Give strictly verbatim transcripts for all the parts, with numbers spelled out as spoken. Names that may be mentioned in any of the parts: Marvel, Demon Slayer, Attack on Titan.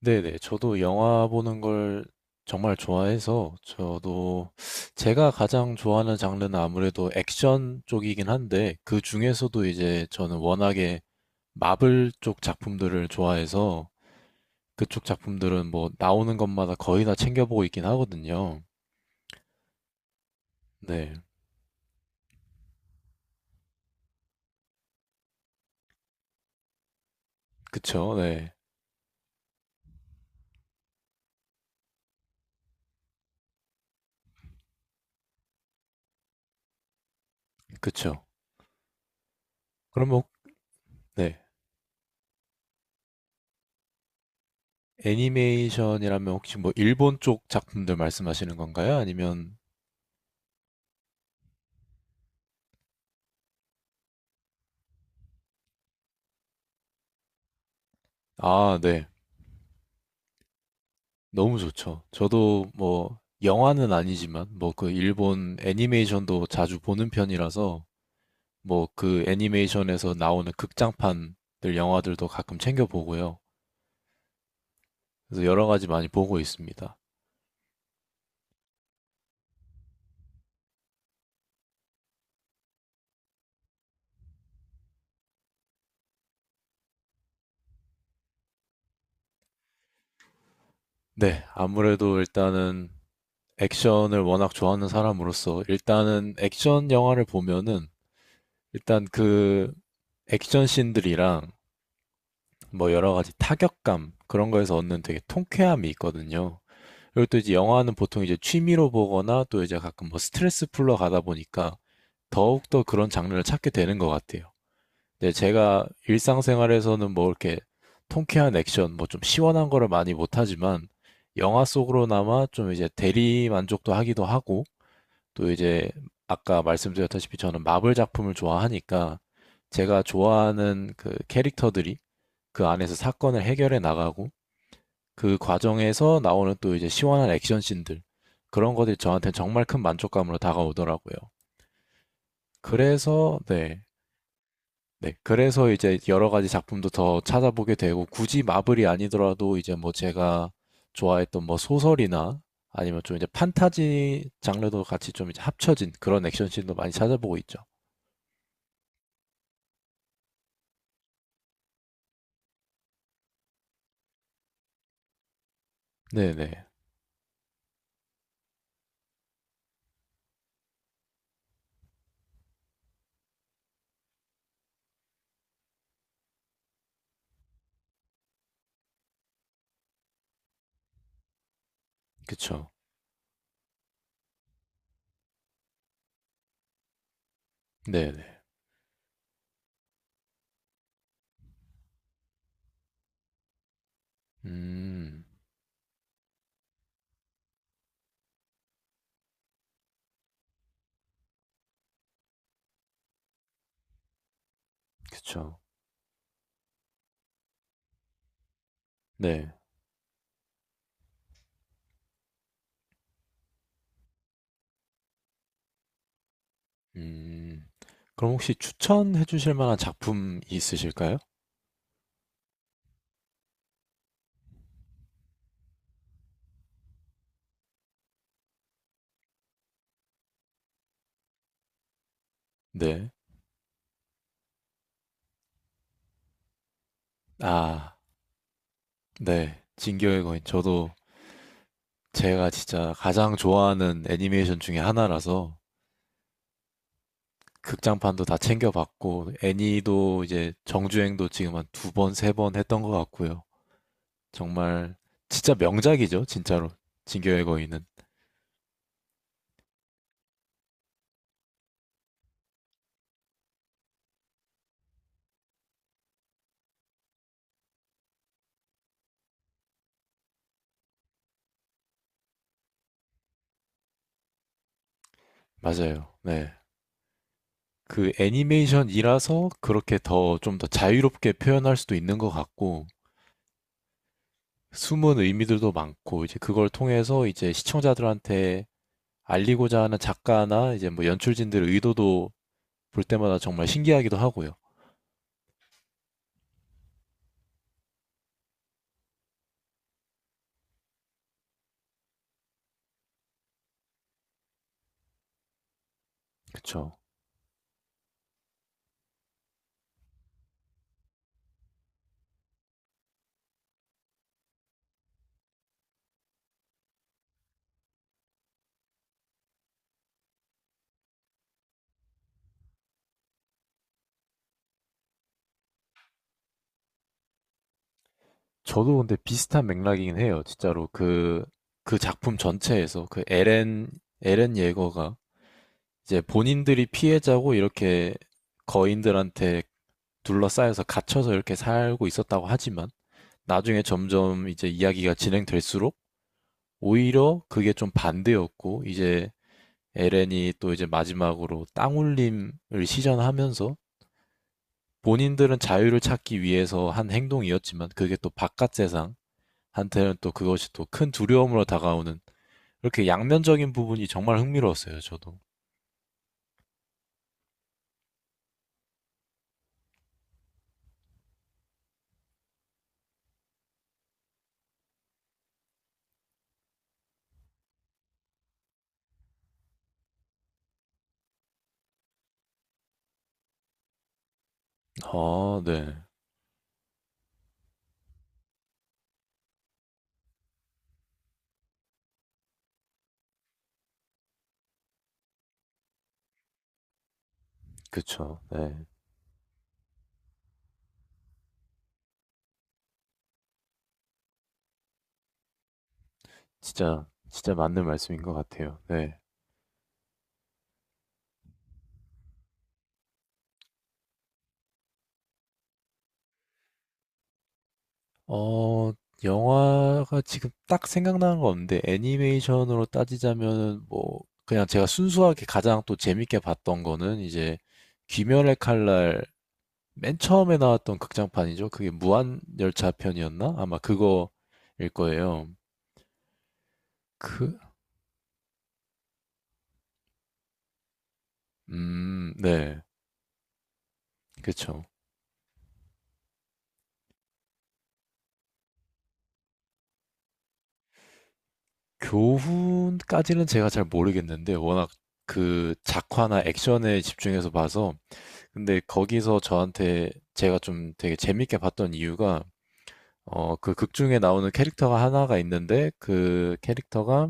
네네. 저도 영화 보는 걸 정말 좋아해서 저도 제가 가장 좋아하는 장르는 아무래도 액션 쪽이긴 한데 그 중에서도 이제 저는 워낙에 마블 쪽 작품들을 좋아해서 그쪽 작품들은 뭐 나오는 것마다 거의 다 챙겨보고 있긴 하거든요. 네. 그쵸. 네. 그쵸. 그럼 뭐, 네. 애니메이션이라면 혹시 뭐 일본 쪽 작품들 말씀하시는 건가요? 아니면, 아, 네. 너무 좋죠. 저도 뭐 영화는 아니지만 뭐 그 일본 애니메이션도 자주 보는 편이라서 뭐 그 애니메이션에서 나오는 극장판들 영화들도 가끔 챙겨 보고요. 그래서 여러 가지 많이 보고 있습니다. 네, 아무래도 일단은 액션을 워낙 좋아하는 사람으로서 일단은 액션 영화를 보면은 일단 그 액션 씬들이랑 뭐 여러 가지 타격감 그런 거에서 얻는 되게 통쾌함이 있거든요. 그리고 또 이제 영화는 보통 이제 취미로 보거나 또 이제 가끔 뭐 스트레스 풀러 가다 보니까 더욱더 그런 장르를 찾게 되는 것 같아요. 근데 제가 일상생활에서는 뭐 이렇게 통쾌한 액션, 뭐 좀 시원한 거를 많이 못하지만 영화 속으로나마 좀 이제 대리 만족도 하기도 하고 또 이제 아까 말씀드렸다시피 저는 마블 작품을 좋아하니까 제가 좋아하는 그 캐릭터들이 그 안에서 사건을 해결해 나가고 그 과정에서 나오는 또 이제 시원한 액션 씬들 그런 것들이 저한테 정말 큰 만족감으로 다가오더라고요. 그래서 네. 네. 그래서 이제 여러 가지 작품도 더 찾아보게 되고 굳이 마블이 아니더라도 이제 뭐 제가 좋아했던 뭐 소설이나 아니면 좀 이제 판타지 장르도 같이 좀 이제 합쳐진 그런 액션 씬도 많이 찾아보고 있죠. 네네. 그쵸. 네네. 음. 그쵸. 네. 음. 그럼 혹시 추천해 주실 만한 작품이 있으실까요? 네. 아. 네. 진격의 거인. 저도 제가 진짜 가장 좋아하는 애니메이션 중에 하나라서 극장판도 다 챙겨 봤고 애니도 이제 정주행도 지금 한 두 번, 세 번 했던 것 같고요. 정말 진짜 명작이죠, 진짜로. 진격의 거인은. 맞아요. 네. 그 애니메이션이라서 그렇게 더 좀 더 자유롭게 표현할 수도 있는 것 같고 숨은 의미들도 많고 이제 그걸 통해서 이제 시청자들한테 알리고자 하는 작가나 이제 뭐 연출진들의 의도도 볼 때마다 정말 신기하기도 하고요. 그쵸. 저도 근데 비슷한 맥락이긴 해요. 진짜로 그, 그 작품 전체에서 그 에렌, 에렌 예거가 이제 본인들이 피해자고 이렇게 거인들한테 둘러싸여서 갇혀서 이렇게 살고 있었다고 하지만 나중에 점점 이제 이야기가 진행될수록 오히려 그게 좀 반대였고 이제 에렌이 또 이제 마지막으로 땅울림을 시전하면서 본인들은 자유를 찾기 위해서 한 행동이었지만 그게 또 바깥 세상 한테는 또 그것이 또 큰 두려움으로 다가오는 이렇게 양면적인 부분이 정말 흥미로웠어요, 저도. 아, 네. 그쵸. 네. 진짜, 진짜 맞는 말씀인 것 같아요. 네. 어, 영화가 지금 딱 생각나는 거 없는데, 애니메이션으로 따지자면은, 뭐, 그냥 제가 순수하게 가장 또 재밌게 봤던 거는, 이제, 귀멸의 칼날, 맨 처음에 나왔던 극장판이죠. 그게 무한열차 편이었나? 아마 그거일 거예요. 그, 음 네. 그쵸. 교훈까지는 제가 잘 모르겠는데 워낙 그 작화나 액션에 집중해서 봐서 근데 거기서 저한테 제가 좀 되게 재밌게 봤던 이유가 어 그 극 중에 나오는 캐릭터가 하나가 있는데 그 캐릭터가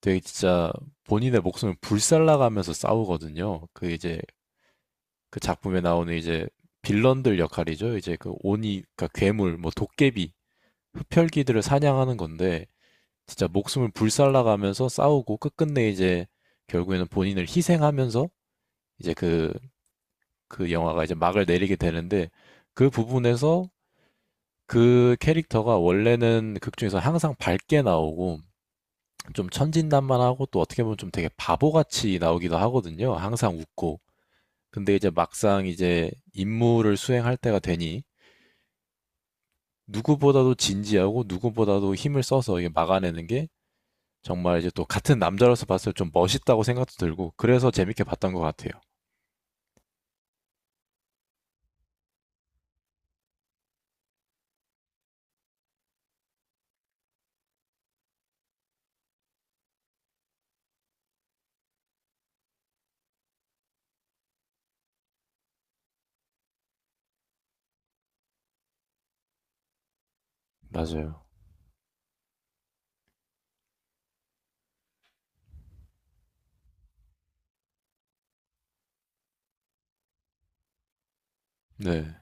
되게 진짜 본인의 목숨을 불살라가면서 싸우거든요. 그 이제 그 작품에 나오는 이제 빌런들 역할이죠. 이제 그 오니 그러니까 괴물 뭐 도깨비, 흡혈귀들을 사냥하는 건데 진짜 목숨을 불살라가면서 싸우고 끝끝내 이제 결국에는 본인을 희생하면서 이제 그, 그 영화가 이제 막을 내리게 되는데 그 부분에서 그 캐릭터가 원래는 극 중에서 항상 밝게 나오고 좀 천진난만하고 또 어떻게 보면 좀 되게 바보같이 나오기도 하거든요. 항상 웃고. 근데 이제 막상 이제 임무를 수행할 때가 되니 누구보다도 진지하고 누구보다도 힘을 써서 이게 막아내는 게 정말 이제 또 같은 남자로서 봤을 때 좀 멋있다고 생각도 들고 그래서 재밌게 봤던 것 같아요. 맞아요. 네.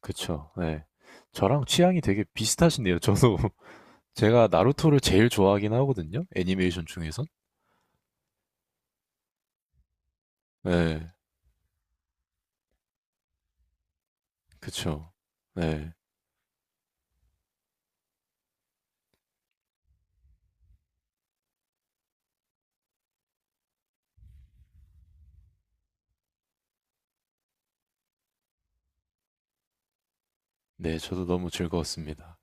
그쵸. 네. 저랑 취향이 되게 비슷하시네요. 저도 제가 나루토를 제일 좋아하긴 하거든요. 애니메이션 중에선. 네. 그쵸. 네. 네, 저도 너무 즐거웠습니다.